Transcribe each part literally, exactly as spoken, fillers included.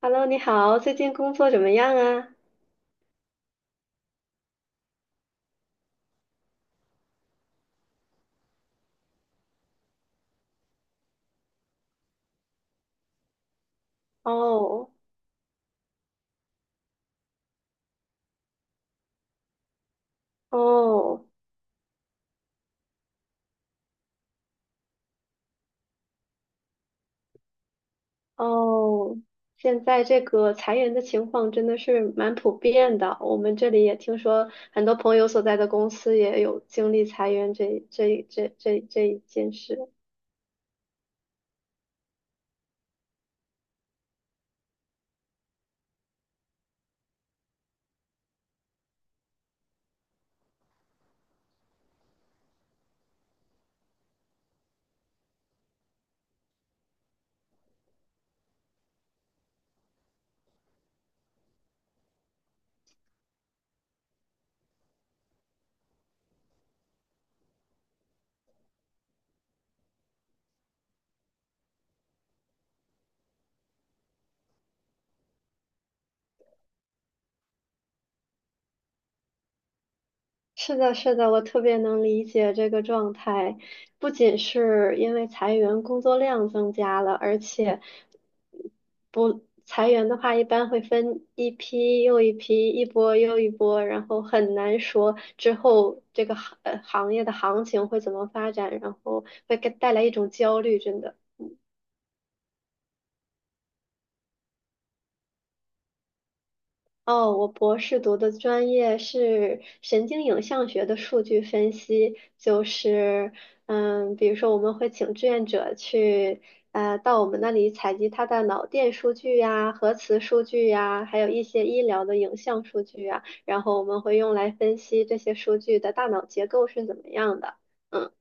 Hello，你好，最近工作怎么样啊？哦哦哦，现在这个裁员的情况真的是蛮普遍的，我们这里也听说很多朋友所在的公司也有经历裁员这这这这这一件事。是的，是的，我特别能理解这个状态，不仅是因为裁员工作量增加了，而且。不裁员的话，一般会分一批又一批，一波又一波，然后很难说之后这个行呃行业的行情会怎么发展，然后会给带来一种焦虑，真的。哦，我博士读的专业是神经影像学的数据分析，就是，嗯，比如说我们会请志愿者去，呃，到我们那里采集他的脑电数据呀、核磁数据呀，还有一些医疗的影像数据呀，然后我们会用来分析这些数据的大脑结构是怎么样的。嗯。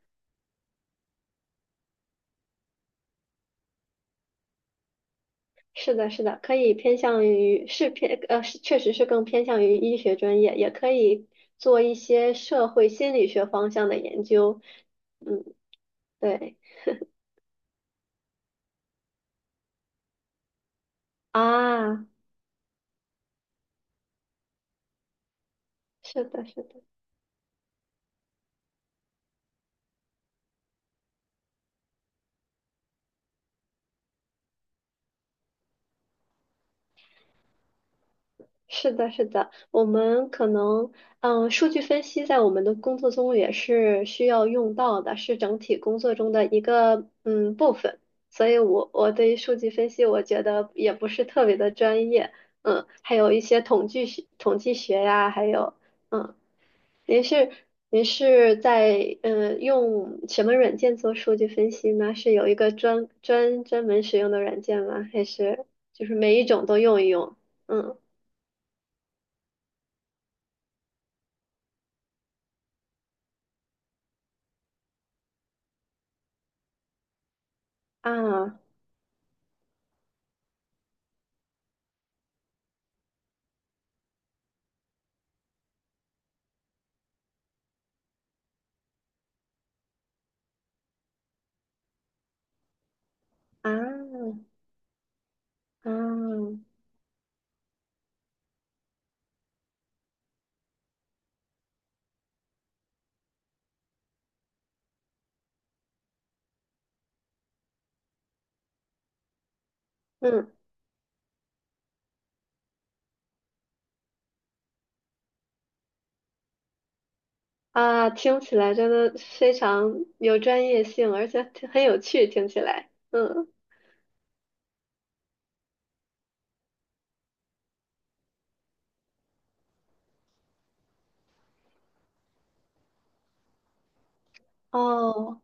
是的，是的，可以偏向于是偏呃，是确实是更偏向于医学专业，也可以做一些社会心理学方向的研究。嗯，对啊，是的，是的。是的，是的，我们可能，嗯，数据分析在我们的工作中也是需要用到的，是整体工作中的一个嗯部分。所以我，我对于数据分析，我觉得也不是特别的专业，嗯，还有一些统计学、统计学呀，还有，嗯，您是您是在嗯用什么软件做数据分析呢？是有一个专专专门使用的软件吗？还是就是每一种都用一用？嗯。啊，啊啊，嗯啊，听起来真的非常有专业性，而且挺很有趣，听起来，嗯，哦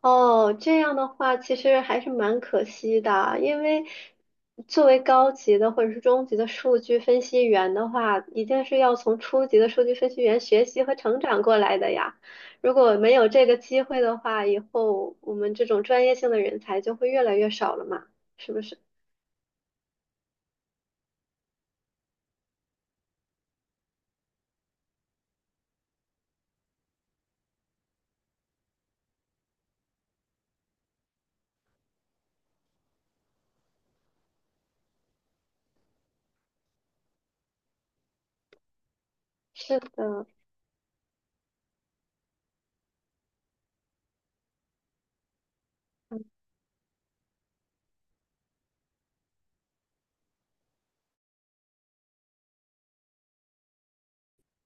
哦，这样的话其实还是蛮可惜的，因为作为高级的或者是中级的数据分析员的话，一定是要从初级的数据分析员学习和成长过来的呀。如果没有这个机会的话，以后我们这种专业性的人才就会越来越少了嘛，是不是？是的。嗯。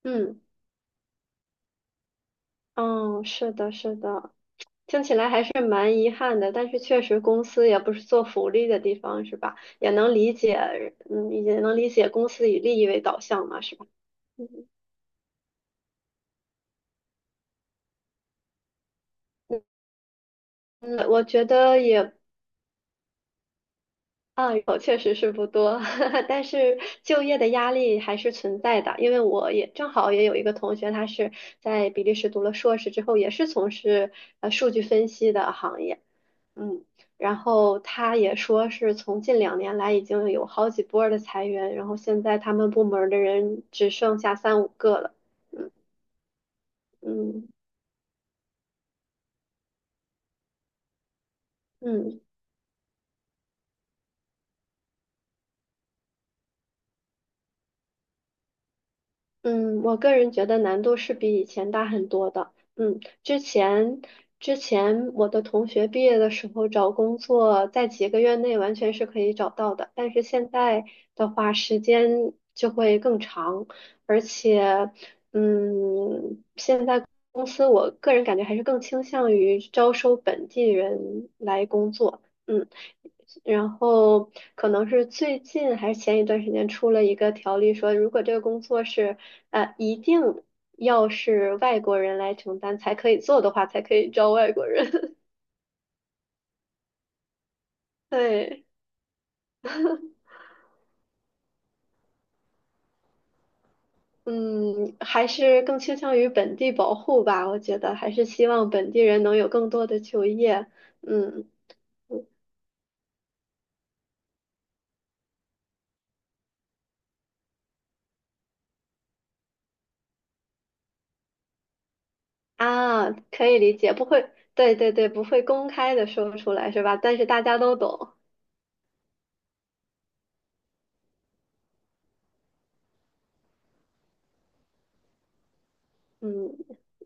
嗯，哦，是的，是的，听起来还是蛮遗憾的，但是确实公司也不是做福利的地方，是吧？也能理解，嗯，也能理解公司以利益为导向嘛，是吧？嗯嗯，嗯我觉得也啊，有确实是不多，但是就业的压力还是存在的，因为我也正好也有一个同学，他是在比利时读了硕士之后，也是从事呃数据分析的行业。嗯，然后他也说是从近两年来已经有好几波儿的裁员，然后现在他们部门儿的人只剩下三五个了。嗯嗯嗯嗯，我个人觉得难度是比以前大很多的。嗯，之前之前我的同学毕业的时候找工作，在几个月内完全是可以找到的，但是现在的话时间就会更长，而且。嗯，公司，我个人感觉还是更倾向于招收本地人来工作。嗯，然后可能是最近还是前一段时间出了一个条例，说如果这个工作是呃一定要是外国人来承担才可以做的话，才可以招外国人。对，嗯，还是更倾向于本地保护吧，我觉得还是希望本地人能有更多的就业。嗯。啊，可以理解，不会，对对对，不会公开的说出来是吧？但是大家都懂，嗯，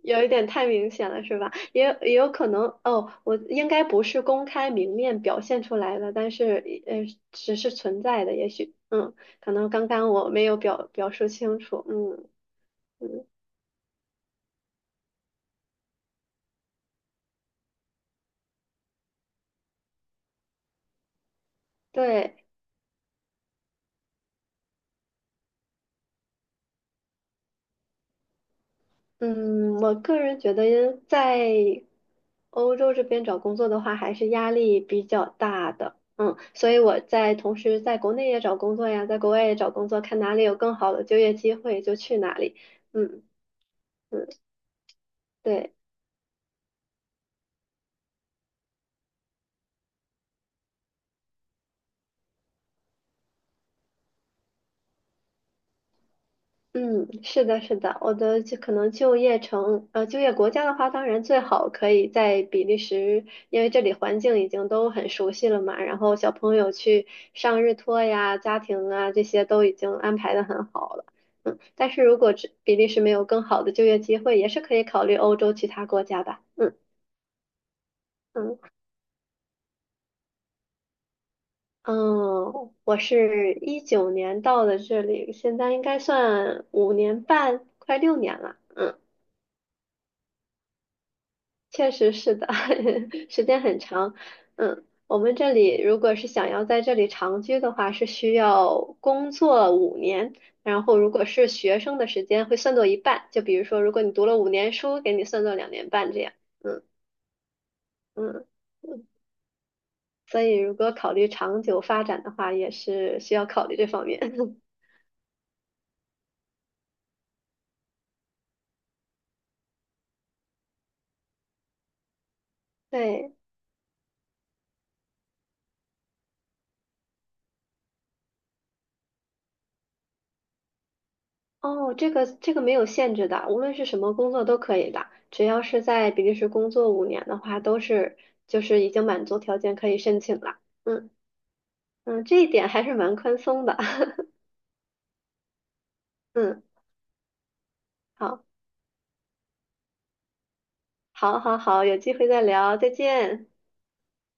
有一点太明显了是吧？也有也有可能哦，我应该不是公开明面表现出来的，但是呃，只是存在的，也许，嗯，可能刚刚我没有表表述清楚，嗯嗯，对。嗯，我个人觉得在欧洲这边找工作的话，还是压力比较大的。嗯，所以我在同时在国内也找工作呀，在国外也找工作，看哪里有更好的就业机会就去哪里。嗯嗯，对。嗯，是的，是的，我的就可能就业城，呃，就业国家的话，当然最好可以在比利时，因为这里环境已经都很熟悉了嘛，然后小朋友去上日托呀、家庭啊这些都已经安排的很好了。嗯，但是如果只比利时没有更好的就业机会，也是可以考虑欧洲其他国家吧。嗯嗯嗯，我是一九年到的这里，现在应该算五年半，快六年了。嗯。确实是的，时间很长。嗯，我们这里如果是想要在这里长居的话，是需要工作五年，然后如果是学生的时间会算作一半。就比如说，如果你读了五年书，给你算作两年半这样。嗯嗯嗯，所以如果考虑长久发展的话，也是需要考虑这方面。对。哦，这个这个没有限制的，无论是什么工作都可以的，只要是在比利时工作五年的话，都是就是已经满足条件可以申请了。嗯嗯，这一点还是蛮宽松的。嗯，好，好，好，好，有机会再聊，再见。